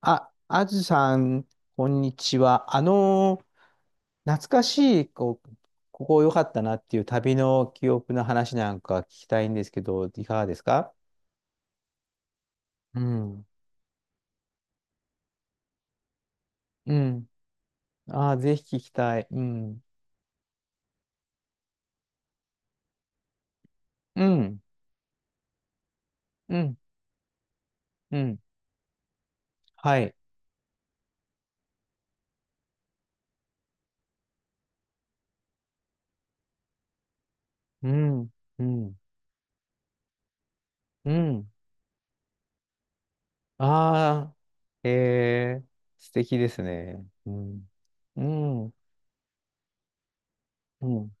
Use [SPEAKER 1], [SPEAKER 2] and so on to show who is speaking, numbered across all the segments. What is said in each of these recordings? [SPEAKER 1] あ、阿武さん、こんにちは。懐かしいここ良かったなっていう旅の記憶の話なんか聞きたいんですけど、いかがですか？うんうん。あ、ぜひ聞きたい。うんうんうんうん。はい。うんうんうん。あ、へえ。素敵ですね。うんうんうんうん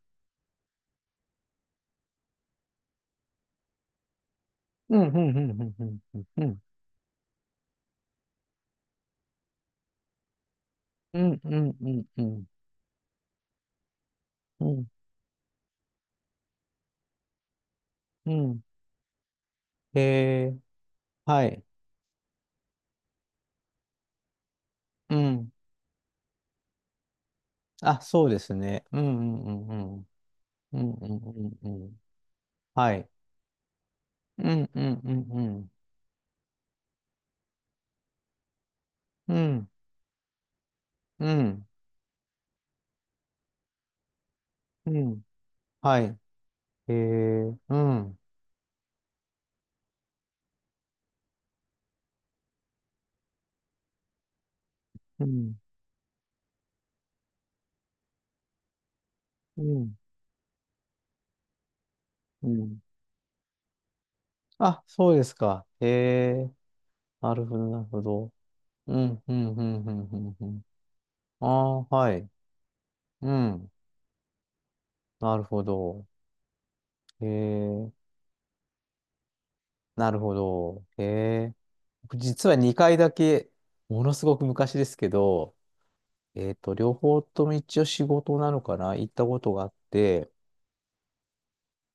[SPEAKER 1] うんうんうんうんうんうんうんうん。へえ。はい。うん。あ、そうですね。うんうんうんうん。うんうんうんうん。はい。うんうんうんうん。うんうんうん。はい。えー、うん。うんうんうん。あ、そうですか。えー、なるほど、なるほど。うんうんうんうんうんうん。ああ、はい。うん。なるほど。えー、なるほど。僕実は2回だけ、ものすごく昔ですけど、両方とも一応仕事なのかな行ったことがあって、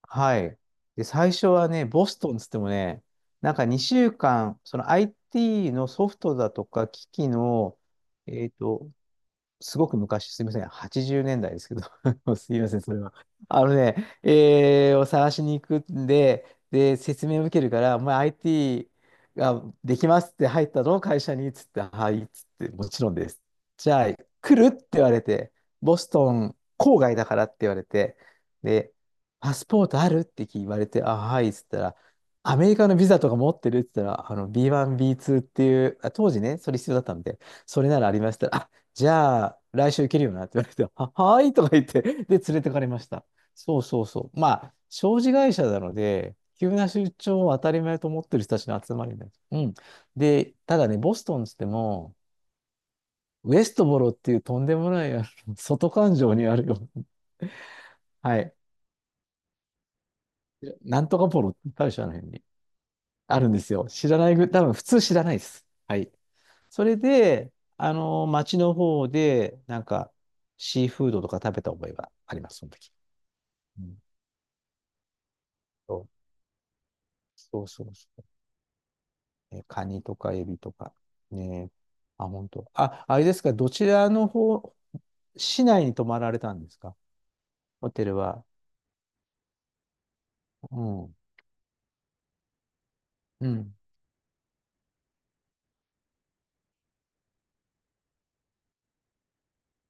[SPEAKER 1] はい。で、最初はね、ボストンつってもね、なんか2週間、その IT のソフトだとか機器の、えっと、すごく昔、すみません、80年代ですけど、すみません、それは。あのね、を探しに行くんで、で、説明を受けるから、お前 IT ができますって入ったの会社に、っつって、はい、っつって、もちろんです。じゃあ、来るって言われて、ボストン郊外だからって言われて、で、パスポートあるって言われて、あ、はい、っつったら、アメリカのビザとか持ってるって言ったら、B1、B2 っていう、あ当時ね、それ必要だったんで、それならありました。じゃあ、来週行けるよなって言われて、はーいとか言って、で、連れてかれました。そうそうそう。まあ、商事会社なので、急な出張を当たり前と思ってる人たちの集まりなんです。うん。で、ただね、ボストンっつっても、ウエストボロっていうとんでもない、あの外環状にあるよ。はい。なんとかボロって大社の辺にあるんですよ。知らないぐ、多分普通知らないです。はい。それで、町の方で、なんか、シーフードとか食べた覚えがあります、その時。うんそうそうそうそう。え、カニとかエビとか。ねえ。あ、本当。あ、あれですか、どちらの方、市内に泊まられたんですかホテルは。うん。うん。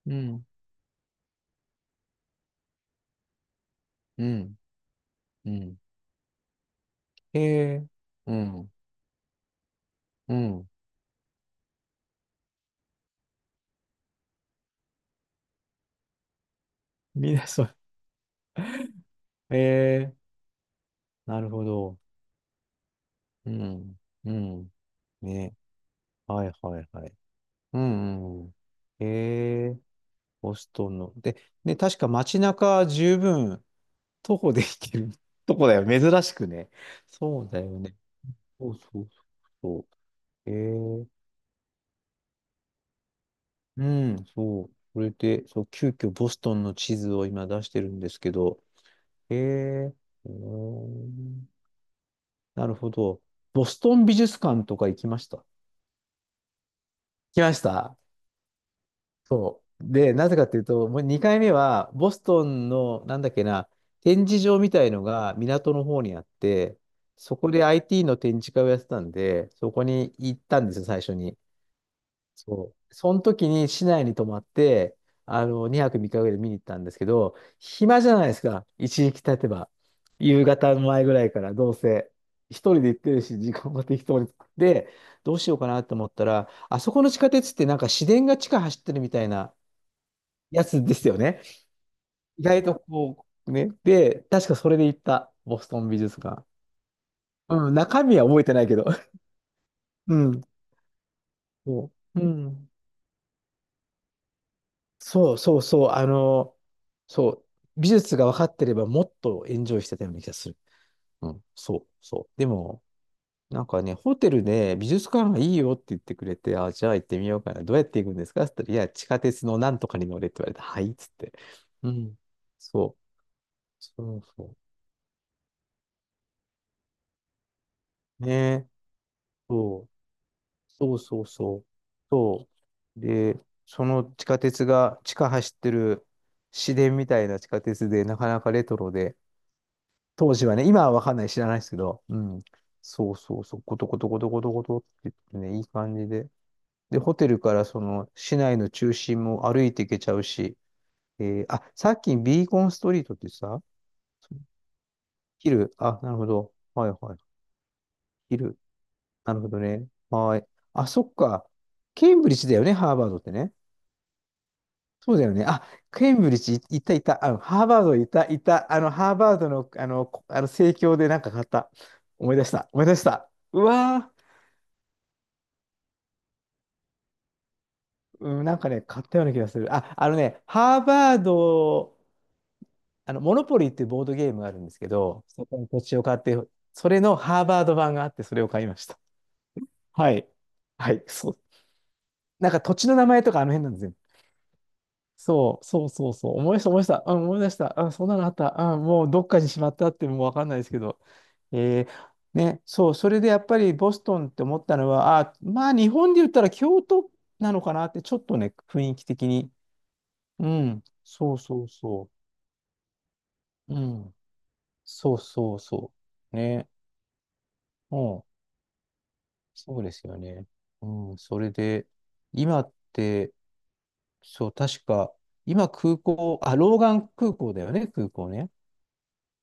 [SPEAKER 1] うん。うん。うん。へえ。うん。うん。みんなそう。へえ。なるほど。うん。うん。ね。はいはいはい。うんうんうん。へえ。ボストンの。で、ね、確か街中十分徒歩で行けるとこ だよ。珍しくね。そうだよね。そうそうそうそう。うん、そう。それで、そう、急遽ボストンの地図を今出してるんですけど、えー、うーんなるほど。ボストン美術館とか行きました。来ましたそう。で、なぜかっていうと、もう2回目は、ボストンの、なんだっけな、展示場みたいのが港の方にあって、そこで IT の展示会をやってたんで、そこに行ったんですよ、最初に。そう。その時に市内に泊まって、2泊3日ぐらいで見に行ったんですけど、暇じゃないですか、一日経てば。夕方の前ぐらいから、どうせ。一人で行ってるし、時間も適当に。で、どうしようかなと思ったら、あそこの地下鉄ってなんか市電が地下走ってるみたいな、やつですよね。意外とこう、ね。で、確かそれで行った、ボストン美術館。うん、中身は覚えてないけど。うん。そう。うん。そうそうそう。そう。美術が分かってればもっとエンジョイしてたような気がする。うん。そうそう。でも、なんかね、ホテルで美術館がいいよって言ってくれて、あ、じゃあ行ってみようかな。どうやって行くんですかって言ったら、いや、地下鉄のなんとかに乗れって言われて、はいっつって。うん。そう。そうそう。ねえ。そうそうそうそう。そう。で、その地下鉄が、地下走ってる市電みたいな地下鉄で、なかなかレトロで、当時はね、今はわかんない、知らないですけど、うん。そうそうそう、ゴトゴトゴトゴトゴトって言ってね、いい感じで。で、ホテルからその市内の中心も歩いていけちゃうし、あ、さっきビーコンストリートってさ、ヒル、あ、なるほど。はいはい。ヒル、なるほどね。はい。あ、そっか。ケンブリッジだよね、ハーバードってね。そうだよね。あ、ケンブリッジいいたいた。ハーバードいたいた。ハーバードの、あの、こあの、生協でなんか買った。思い出した。思い出した。うわー、うん、なんかね、買ったような気がする。あ、あのね、ハーバード、モノポリーっていうボードゲームがあるんですけど、そこに土地を買って、それのハーバード版があって、それを買いました。はい。はい、そう。なんか土地の名前とかあの辺なんですよ。そう、そうそうそう。思い出した、思い出した。あ、思い出した。あ、そんなのあった。あ、もうどっかにしまったってもうわかんないですけど。えーね、そう、それでやっぱりボストンって思ったのは、あ、まあ日本で言ったら京都なのかなって、ちょっとね、雰囲気的に。うん、そうそうそう。うん、そうそうそう。ね、うんそうですよね。うん、それで、今って、そう、確か、今空港、あ、ローガン空港だよね、空港ね。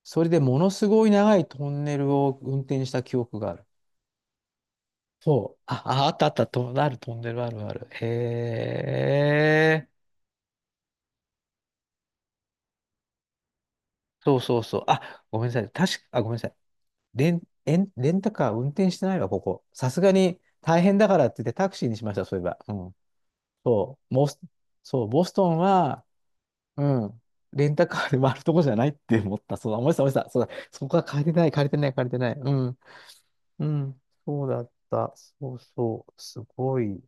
[SPEAKER 1] それでものすごい長いトンネルを運転した記憶がある。そう。あ、ああったあった、と、あるトンネルあるある。へえ。そうそうそう。あ、ごめんなさい。確か、あ、ごめんなさい。レンタカー運転してないわ、ここ。さすがに大変だからって言ってタクシーにしました、そういえば。うん。そう、そう、ボストンは、うん、レンタカーで回るとこじゃないって思った。そうだ、思い出した、思い出した。そうだ、そこは借りてない、借りてない、借りてない。うん、うん、そうだった。そうそう、すごい。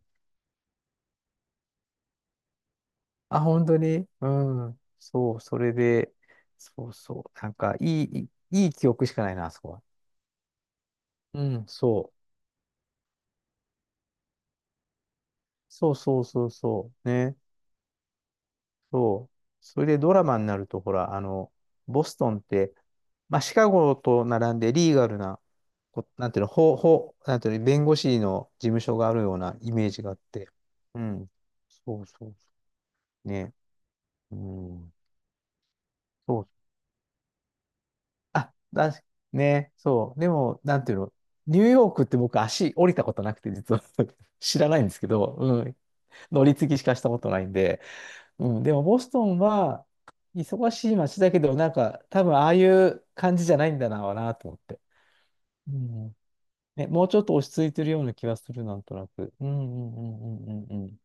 [SPEAKER 1] あ、本当にうん。そう、それで、そうそう。なんか、いい、いいいい記憶しかないな、あそこは。うん、そう。そうそうそうそう。ね。そう。それでドラマになると、ほら、ボストンって、まあ、シカゴと並んでリーガルな、なんていうの、法、なんていうの、弁護士の事務所があるようなイメージがあって。うん。そうそうそう。ね。うん。そうあ、だし、ね、そう。でも、なんていうの、ニューヨークって僕足降りたことなくて、実は 知らないんですけど、うん、乗り継ぎしかしたことないんで、うん、でもボストンは忙しい街だけど、なんか多分ああいう感じじゃないんだな、なと思って。うん。ね、もうちょっと落ち着いてるような気がする、なんとなく。うんうんうんうんうんうん。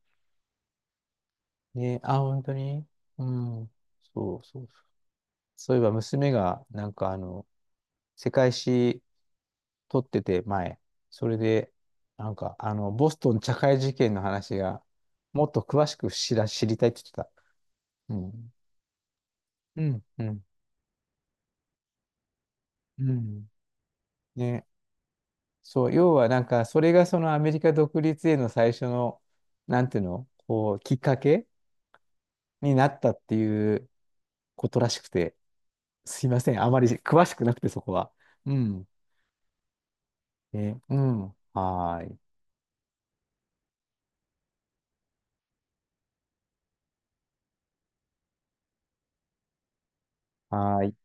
[SPEAKER 1] ね、あ、本当にうん。そうそうそう。そういえば娘が、なんか世界史撮ってて、前。それで、なんか、ボストン茶会事件の話が、もっと詳しく知りたいって言ってた。うん。うん、うん、うん。ね。そう、要はなんか、それがそのアメリカ独立への最初の、なんていうの、きっかけになったっていうことらしくて、すいません。あまり詳しくなくて、そこは。うん。ね、うん。はーい。はーい。